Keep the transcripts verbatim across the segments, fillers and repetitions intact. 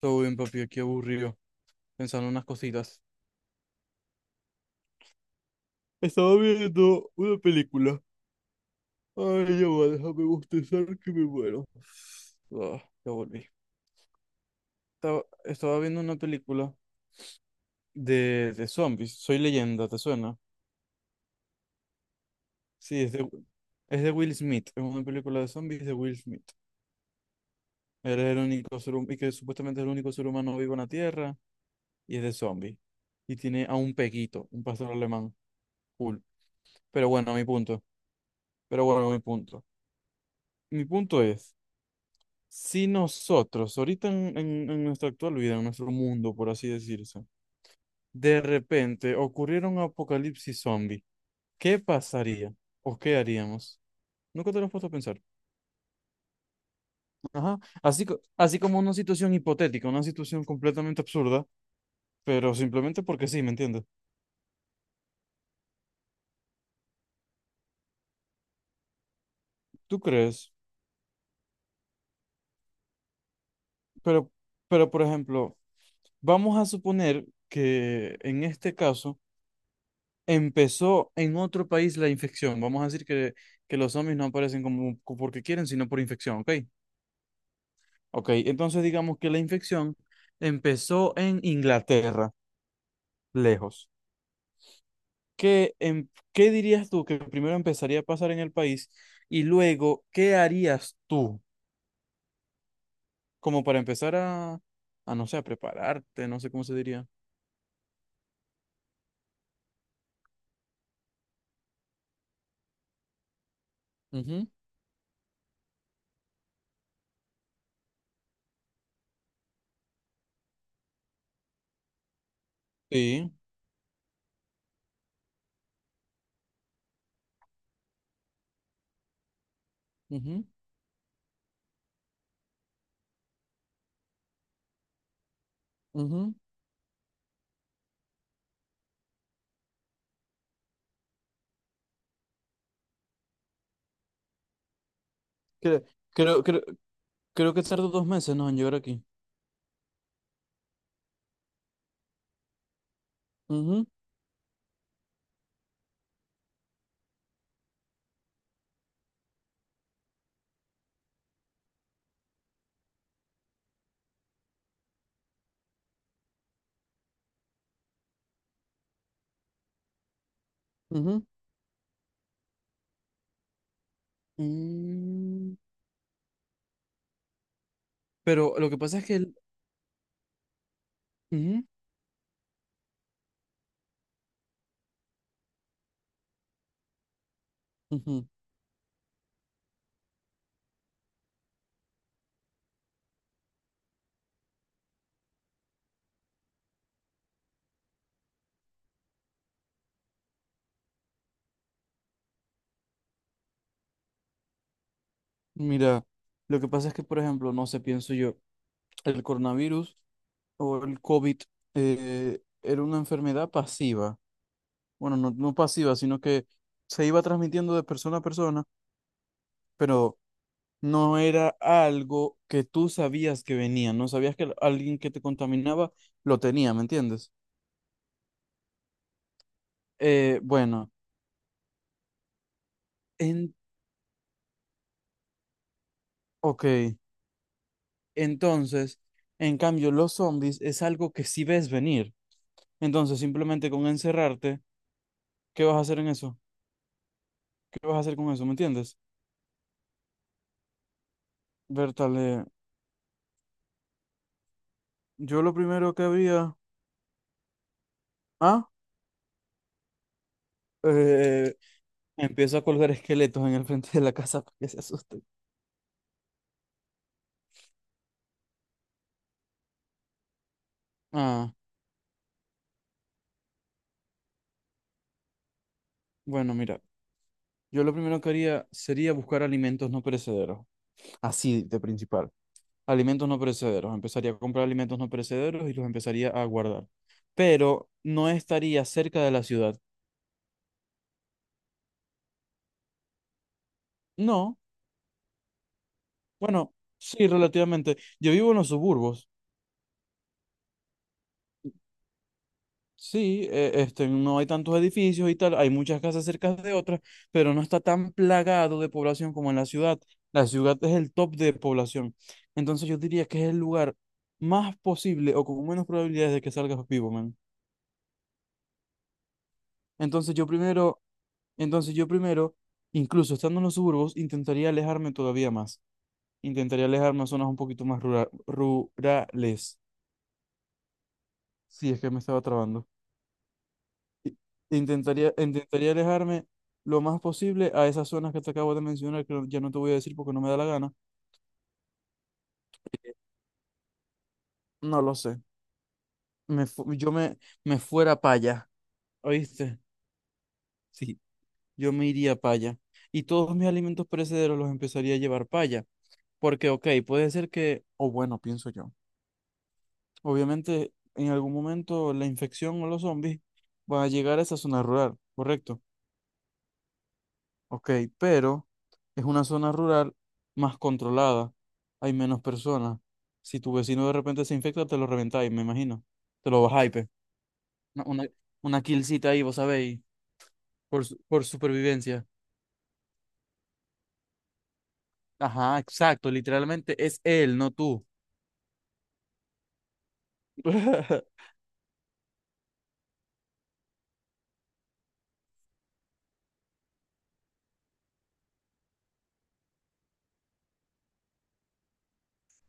Todo bien, papi, aquí aburrido, pensando en unas cositas. Estaba viendo una película. Ay, ya va, déjame bostezar que me muero. Ah, ya volví. Estaba, estaba viendo una película de, de zombies, Soy Leyenda, ¿te suena? Sí, es de, es de Will Smith, es una película de zombies de Will Smith. Él es el único ser humano, y que supuestamente es el único ser humano vivo en la Tierra, y es de zombies. Y tiene a un pequito, un pastor alemán, cool. Pero bueno, a mi punto. Pero bueno, a mi punto. Mi punto es, si nosotros, ahorita en, en- en nuestra actual vida, en nuestro mundo, por así decirse, de repente ocurriera un apocalipsis zombie, ¿qué pasaría? ¿O qué haríamos? Nunca te lo has puesto a pensar. Ajá. Así, co- así como una situación hipotética, una situación completamente absurda, pero simplemente porque sí, ¿me entiendes? ¿Tú crees? Pero, pero, por ejemplo, vamos a suponer que en este caso empezó en otro país la infección. Vamos a decir que, que los zombies no aparecen como co- porque quieren, sino por infección, ¿ok? Ok, entonces digamos que la infección empezó en Inglaterra, lejos. ¿Qué, em- qué dirías tú que primero empezaría a pasar en el país y luego qué harías tú como para empezar a, a no sé, a prepararte, no sé cómo se diría? Ujú. Sí, ujú, ujú. Cre- Creo, creo, creo, que tardó dos meses, ¿no? En llegar aquí. Ujú, ujú. Mm. Pero lo que pasa es que el. Ujú, ujú. Mira, lo que pasa es que, por ejemplo, no sé, pienso yo, el coronavirus o el COVID eh, era una enfermedad pasiva. Bueno, no, no pasiva, sino que se iba transmitiendo de persona a persona, pero no era algo que tú sabías que venía, no sabías que alguien que te contaminaba lo tenía, ¿me entiendes? Eh, bueno, en... Ok. Entonces, en cambio, los zombies es algo que sí ves venir. Entonces, simplemente con encerrarte, ¿qué vas a hacer en eso? ¿Qué vas a hacer con eso? ¿Me entiendes? Bertale, yo lo primero que había. Ah, eh, empiezo a colgar esqueletos en el frente de la casa para que se asusten. Ah, bueno, mira, yo lo primero que haría sería buscar alimentos no perecederos. Así de principal. Alimentos no perecederos. Empezaría a comprar alimentos no perecederos y los empezaría a guardar. Pero no estaría cerca de la ciudad. No, bueno, sí, relativamente. Yo vivo en los suburbos. Sí, eh, este, no hay tantos edificios y tal, hay muchas casas cerca de otras, pero no está tan plagado de población como en la ciudad. La ciudad es el top de población. Entonces yo diría que es el lugar más posible o con menos probabilidades de que salgas vivo, man. Entonces yo primero, entonces yo primero, incluso estando en los suburbos, intentaría alejarme todavía más. Intentaría alejarme a zonas un poquito más rura- rurales. Sí, es que me estaba trabando. I- Intentaría, intentaría alejarme lo más posible a esas zonas que te acabo de mencionar, que ya no te voy a decir porque no me da la gana. No lo sé. Me fu- yo me, me fuera para allá, ¿oíste? Sí. Yo me iría para allá. Y todos mis alimentos perecederos los empezaría a llevar para allá. Porque, ok, puede ser que, o bueno, pienso yo. Obviamente, en algún momento la infección o los zombies van a llegar a esa zona rural, ¿correcto? Ok, pero es una zona rural más controlada, hay menos personas. Si tu vecino de repente se infecta, te lo reventáis, me imagino. Te lo bajáis, pe. Una, una, una killcita ahí, vos sabéis, por, su- por supervivencia. Ajá, exacto, literalmente es él, no tú.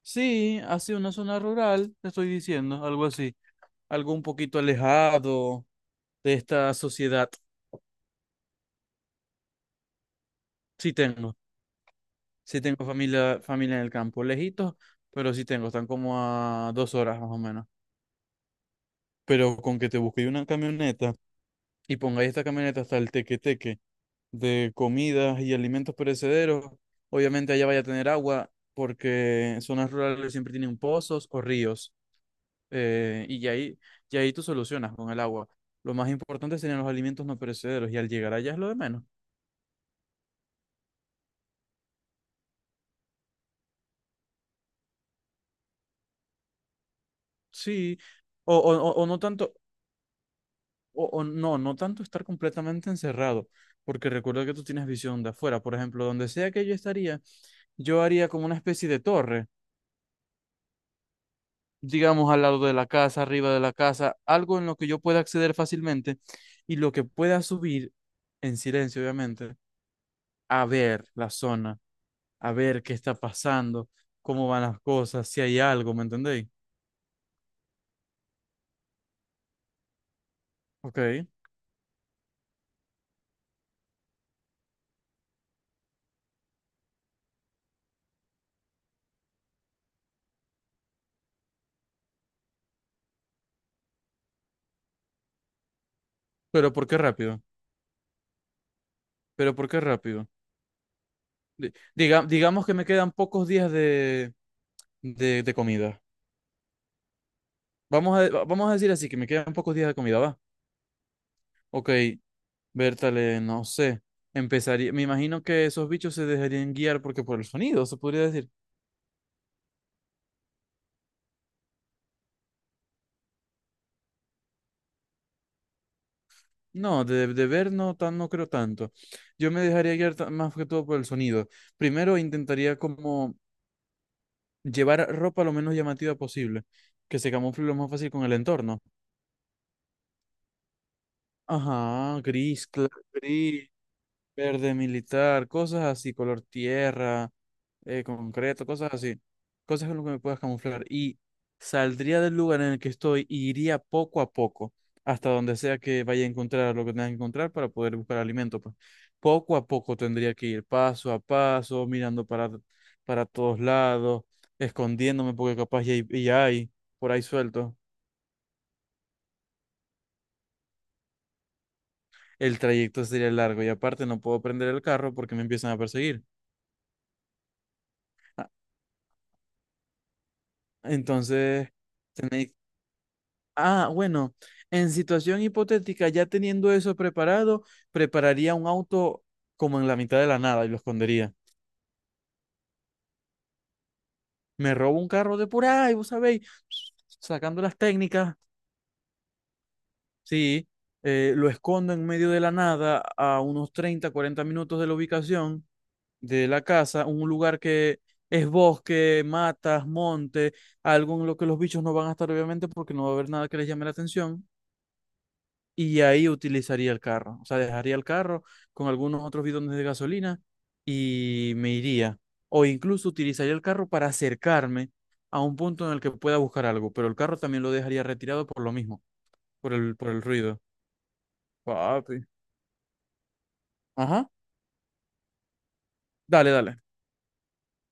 Sí, así una zona rural, te estoy diciendo, algo así, algo un poquito alejado de esta sociedad. Sí tengo. Sí tengo familia, familia en el campo, lejitos, pero sí tengo, están como a dos horas más o menos. Pero con que te busquéis una camioneta y pongáis esta camioneta hasta el teque-teque de comidas y alimentos perecederos, obviamente allá vaya a tener agua, porque en zonas rurales siempre tienen pozos o ríos, eh, y ya ahí, ya ahí tú solucionas con el agua. Lo más importante serían los alimentos no perecederos, y al llegar allá es lo de menos. Sí, o, o, o o no tanto, o, o no, no, tanto estar completamente encerrado, porque recuerda que tú tienes visión de afuera. Por ejemplo, donde sea que yo estaría, yo haría como una especie de torre, digamos al lado de la casa, arriba de la casa, algo en lo que yo pueda acceder fácilmente y lo que pueda subir en silencio, obviamente, a ver la zona, a ver qué está pasando, cómo van las cosas, si hay algo, ¿me entendéis? Ok, pero ¿por qué rápido? ¿Pero por qué rápido? Di- diga- digamos que me quedan pocos días de, de de comida. Vamos a, vamos a decir así, que me quedan pocos días de comida, ¿va? Ok, Bertale, no sé. Empezaría, me imagino que esos bichos se dejarían guiar porque por el sonido, se podría decir. No, de, de ver no, tan, no creo tanto. Yo me dejaría guiar ta- más que todo por el sonido. Primero intentaría como llevar ropa lo menos llamativa posible, que se camufle lo más fácil con el entorno. Ajá, gris, claro. Verde militar, cosas así, color tierra, eh, concreto, cosas así. Cosas con lo que me puedas camuflar. Y saldría del lugar en el que estoy y iría poco a poco, hasta donde sea que vaya a encontrar lo que tenga que encontrar para poder buscar alimento, pues. Poco a poco tendría que ir, paso a paso, mirando para, para todos lados, escondiéndome, porque capaz ya hay, ya hay por ahí suelto. El trayecto sería largo y aparte no puedo prender el carro porque me empiezan a perseguir. Ah, entonces. Tenéis- Ah, bueno, en situación hipotética, ya teniendo eso preparado, prepararía un auto como en la mitad de la nada y lo escondería. Me robo un carro de por ahí, vos sabéis, sacando las técnicas, sí, eh, lo escondo en medio de la nada a unos treinta, cuarenta minutos de la ubicación de la casa, un lugar que es bosque, matas, monte, algo en lo que los bichos no van a estar obviamente porque no va a haber nada que les llame la atención y ahí utilizaría el carro. O sea, dejaría el carro con algunos otros bidones de gasolina y me iría. O incluso utilizaría el carro para acercarme a un punto en el que pueda buscar algo, pero el carro también lo dejaría retirado por lo mismo, por el, por el ruido. Papi. Ajá. Dale, dale.